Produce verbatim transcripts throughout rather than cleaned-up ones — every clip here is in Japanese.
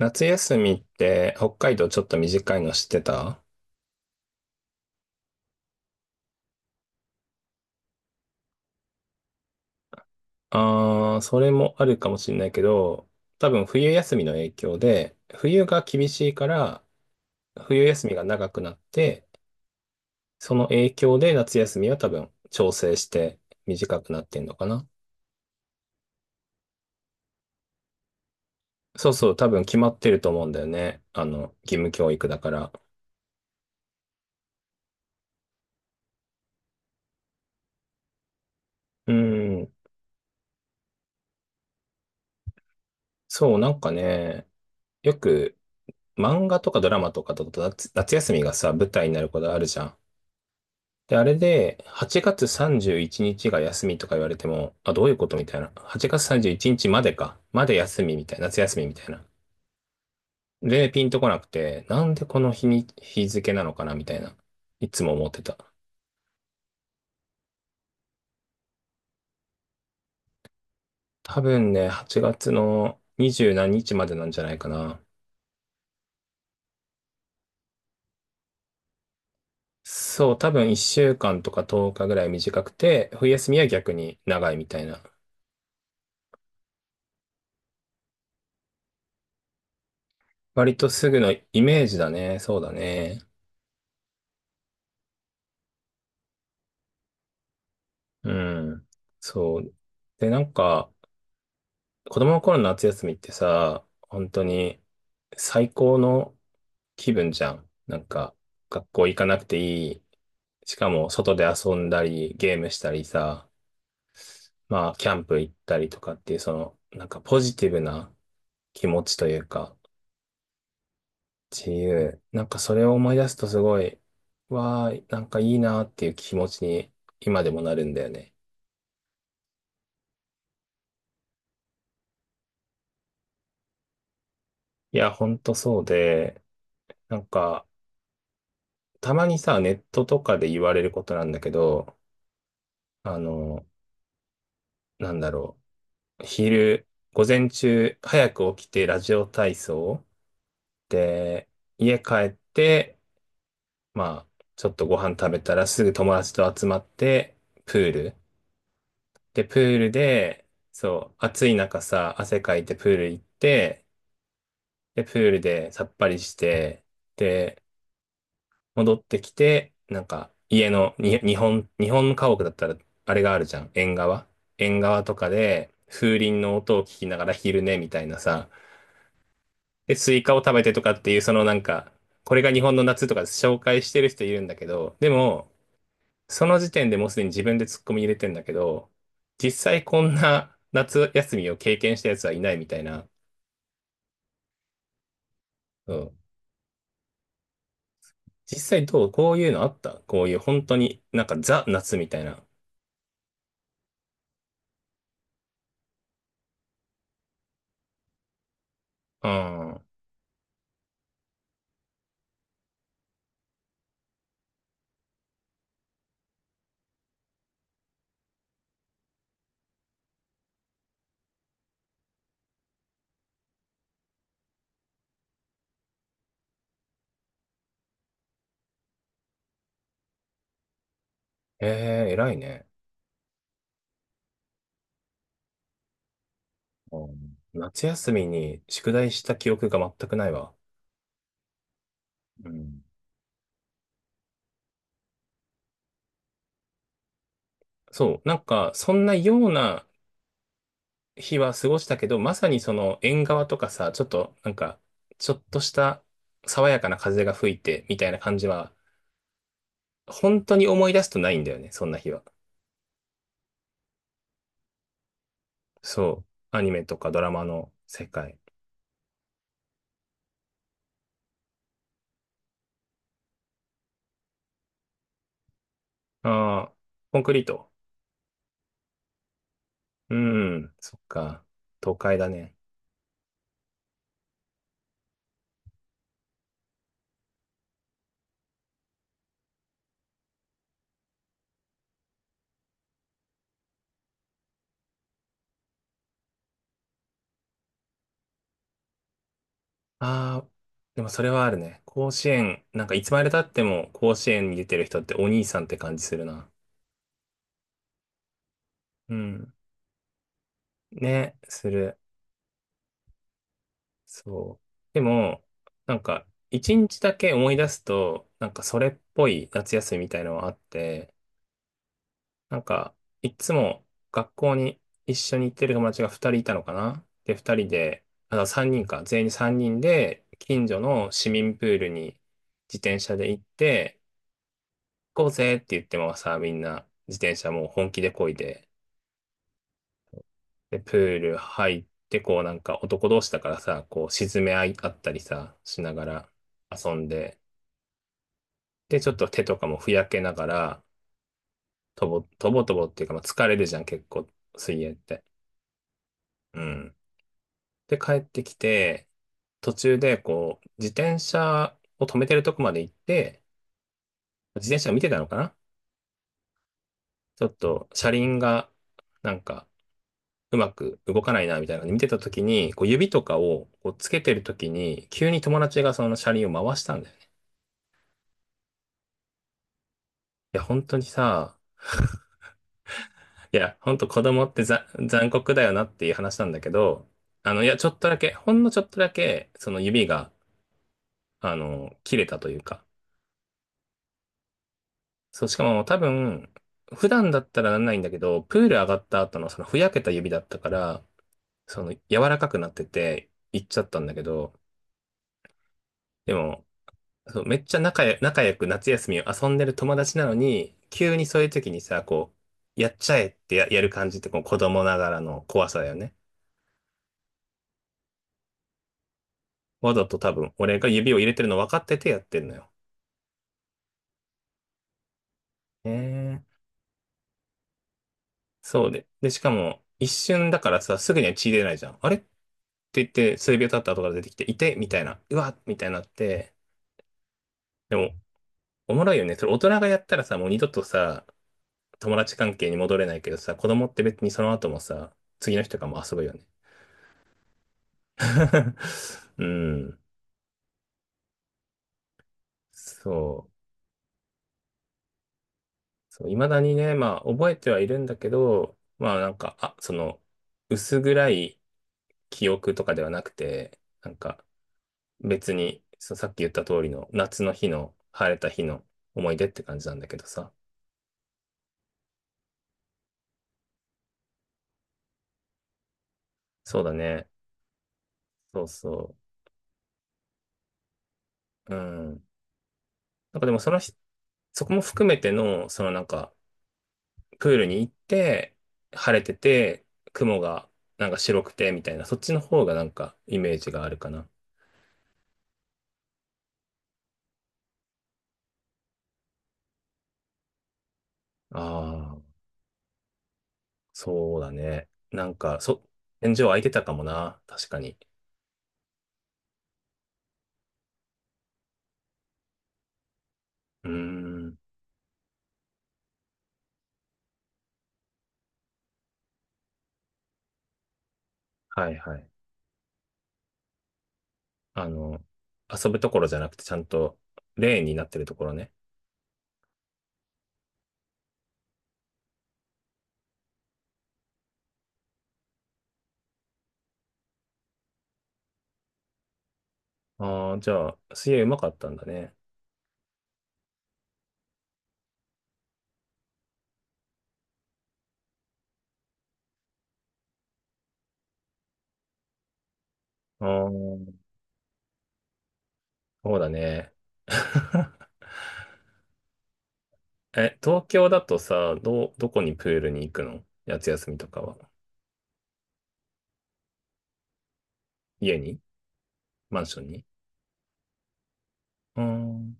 夏休みって北海道ちょっと短いの知ってた？あー、それもあるかもしれないけど、多分冬休みの影響で、冬が厳しいから、冬休みが長くなって、その影響で夏休みは多分調整して短くなってんのかな。そうそう、多分決まってると思うんだよね。あの、義務教育だから。うん、そう、なんかね、よく漫画とかドラマとかだと夏、夏休みがさ、舞台になることあるじゃん。で、あれで、はちがつさんじゅういちにちが休みとか言われても、あ、どういうことみたいな。はちがつさんじゅういちにちまでか。まで休みみたいな。夏休みみたいな。で、ピンとこなくて、なんでこの日に、日付なのかなみたいな。いつも思ってた。多分ね、はちがつのにじゅう何日までなんじゃないかな。そう、多分いっしゅうかんとかとおかぐらい短くて、冬休みは逆に長いみたいな。割とすぐのイメージだね。そうだね。うん。そう。で、なんか、子供の頃の夏休みってさ、本当に最高の気分じゃん。なんか、学校行かなくていい。しかも、外で遊んだり、ゲームしたりさ、まあ、キャンプ行ったりとかっていう、その、なんかポジティブな気持ちというか、自由。なんかそれを思い出すとすごい、わー、なんかいいなっていう気持ちに今でもなるんだよね。いや、ほんとそうで、なんか、たまにさ、ネットとかで言われることなんだけど、あの、なんだろう。昼、午前中、早く起きてラジオ体操。で、家帰って、まあ、ちょっとご飯食べたらすぐ友達と集まって、プール。で、プールで、そう、暑い中さ、汗かいてプール行って、で、プールでさっぱりして、で、戻ってきて、なんか家のに、日本、日本家屋だったらあれがあるじゃん。縁側。縁側とかで風鈴の音を聞きながら昼寝みたいなさ。で、スイカを食べてとかっていう、そのなんか、これが日本の夏とか紹介してる人いるんだけど、でも、その時点でもうすでに自分でツッコミ入れてんだけど、実際こんな夏休みを経験したやつはいないみたいな。うん。実際どうこういうのあったこういう本当になんかザ夏みたいな。うん。ええー、偉いね。あー、夏休みに宿題した記憶が全くないわ。うん。そう、なんか、そんなような日は過ごしたけど、まさにその縁側とかさ、ちょっと、なんか、ちょっとした爽やかな風が吹いて、みたいな感じは、本当に思い出すとないんだよね、そんな日は。そう、アニメとかドラマの世界。ああ、コンクリート。うん、そっか、都会だね。ああ、でもそれはあるね。甲子園、なんかいつまで経っても甲子園に出てる人ってお兄さんって感じするな。うん。ね、する。そう。でも、なんか、一日だけ思い出すと、なんかそれっぽい夏休みみたいのはあって、なんか、いつも学校に一緒に行ってる友達が二人いたのかな。で、二人で、あ、三人か、全員三人で、近所の市民プールに自転車で行って、こうぜって言ってもさ、みんな自転車もう本気で漕いで、で、プール入って、こうなんか男同士だからさ、こう沈め合いあったりさ、しながら遊んで、で、ちょっと手とかもふやけながら、とぼ、とぼとぼっていうか、まあ、疲れるじゃん、結構、水泳って。うん。で、帰ってきて、途中でこう、自転車を止めてるとこまで行って、自転車を見てたのかな。ちょっと車輪が、なんか、うまく動かないな、みたいなので見てた時に、こう指とかをこうつけてる時に、急に友達がその車輪を回したんだよね。いや、本当にさ、いや、本当子供ってざ残酷だよなっていう話なんだけど、あの、いや、ちょっとだけ、ほんのちょっとだけ、その指が、あの、切れたというか、そう、しかも多分、普段だったらなんないんだけど、プール上がった後のそのふやけた指だったから、その柔らかくなってて、行っちゃったんだけど、でも、そう、めっちゃ仲や、仲良く夏休みを遊んでる友達なのに、急にそういう時にさ、こう、やっちゃえってや、やる感じってこう子供ながらの怖さだよね。わざと多分、俺が指を入れてるの分かっててやってんのよ。ええ。そうで。で、しかも、一瞬だからさ、すぐには血出ないじゃん。あれって言って、数秒経った後から出てきて、いてみたいな。うわみたいになって。でも、おもろいよね。それ大人がやったらさ、もう二度とさ、友達関係に戻れないけどさ、子供って別にその後もさ、次の日とかも遊ぶよね。うん。そう。そう、未だにね、まあ、覚えてはいるんだけど、まあ、なんか、あ、その、薄暗い記憶とかではなくて、なんか、別に、そう、さっき言った通りの、夏の日の、晴れた日の思い出って感じなんだけどさ。そうだね。そうそう。うん。なんかでも、そのひ、そこも含めての、そのなんか、プールに行って、晴れてて、雲が、なんか白くて、みたいな、そっちの方がなんか、イメージがあるかな。ああ、そうだね。なんか、そ、天井空いてたかもな。確かに。うーん。はいはい。あの、遊ぶところじゃなくて、ちゃんとレーンになってるところね。ああ、じゃあ、水泳うまかったんだね。ああ、そうだね。え、東京だとさ、ど、どこにプールに行くの夏休みとかは？家に？マンションに？うーん。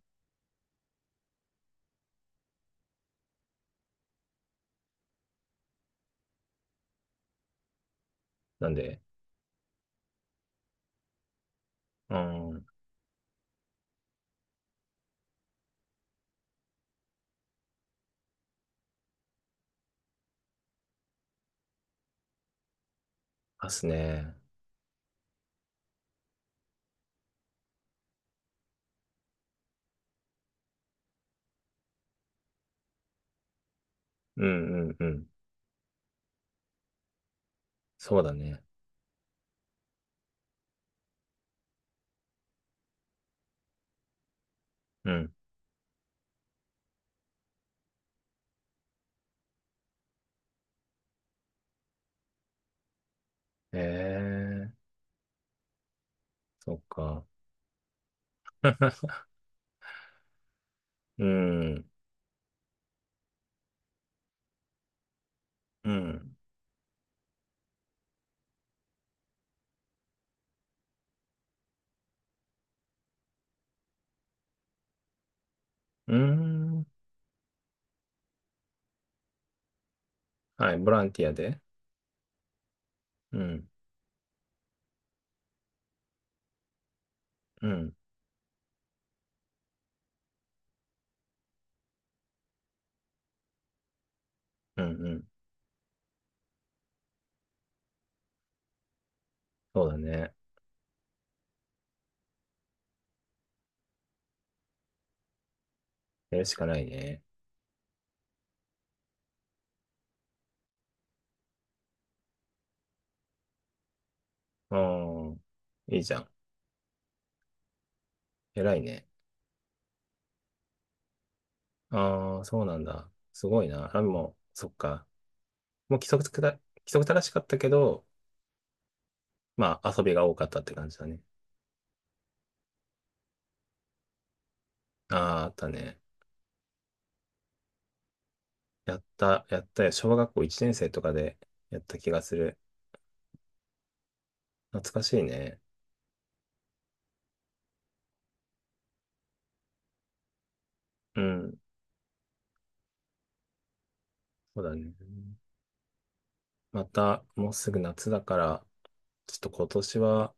なんで？うーん。ますね。うんうんうん。そうだね。うん。ええ、そっか。うん、うん、うん。はい、ボランティアで。うん、うん、うん、うん。そうだね。やるしかないね。ああ、いいじゃん。偉いね。ああ、そうなんだ。すごいな。あ、もう、そっか。もう規則た、規則正しかったけど、まあ、遊びが多かったって感じだね。ああ、あったね。やった、やったよ。小学校いちねん生とかでやった気がする。懐かしいね。うん、そうだね。また、もうすぐ夏だから、ちょっと今年は、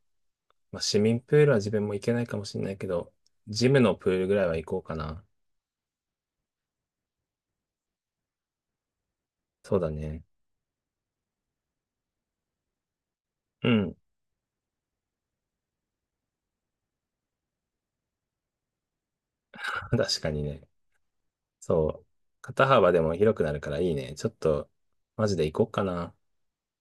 まあ、市民プールは自分も行けないかもしれないけど、ジムのプールぐらいは行こうかな。そうだね。うん。確かにね。そう。肩幅でも広くなるからいいね。ちょっと、マジで行こうかな。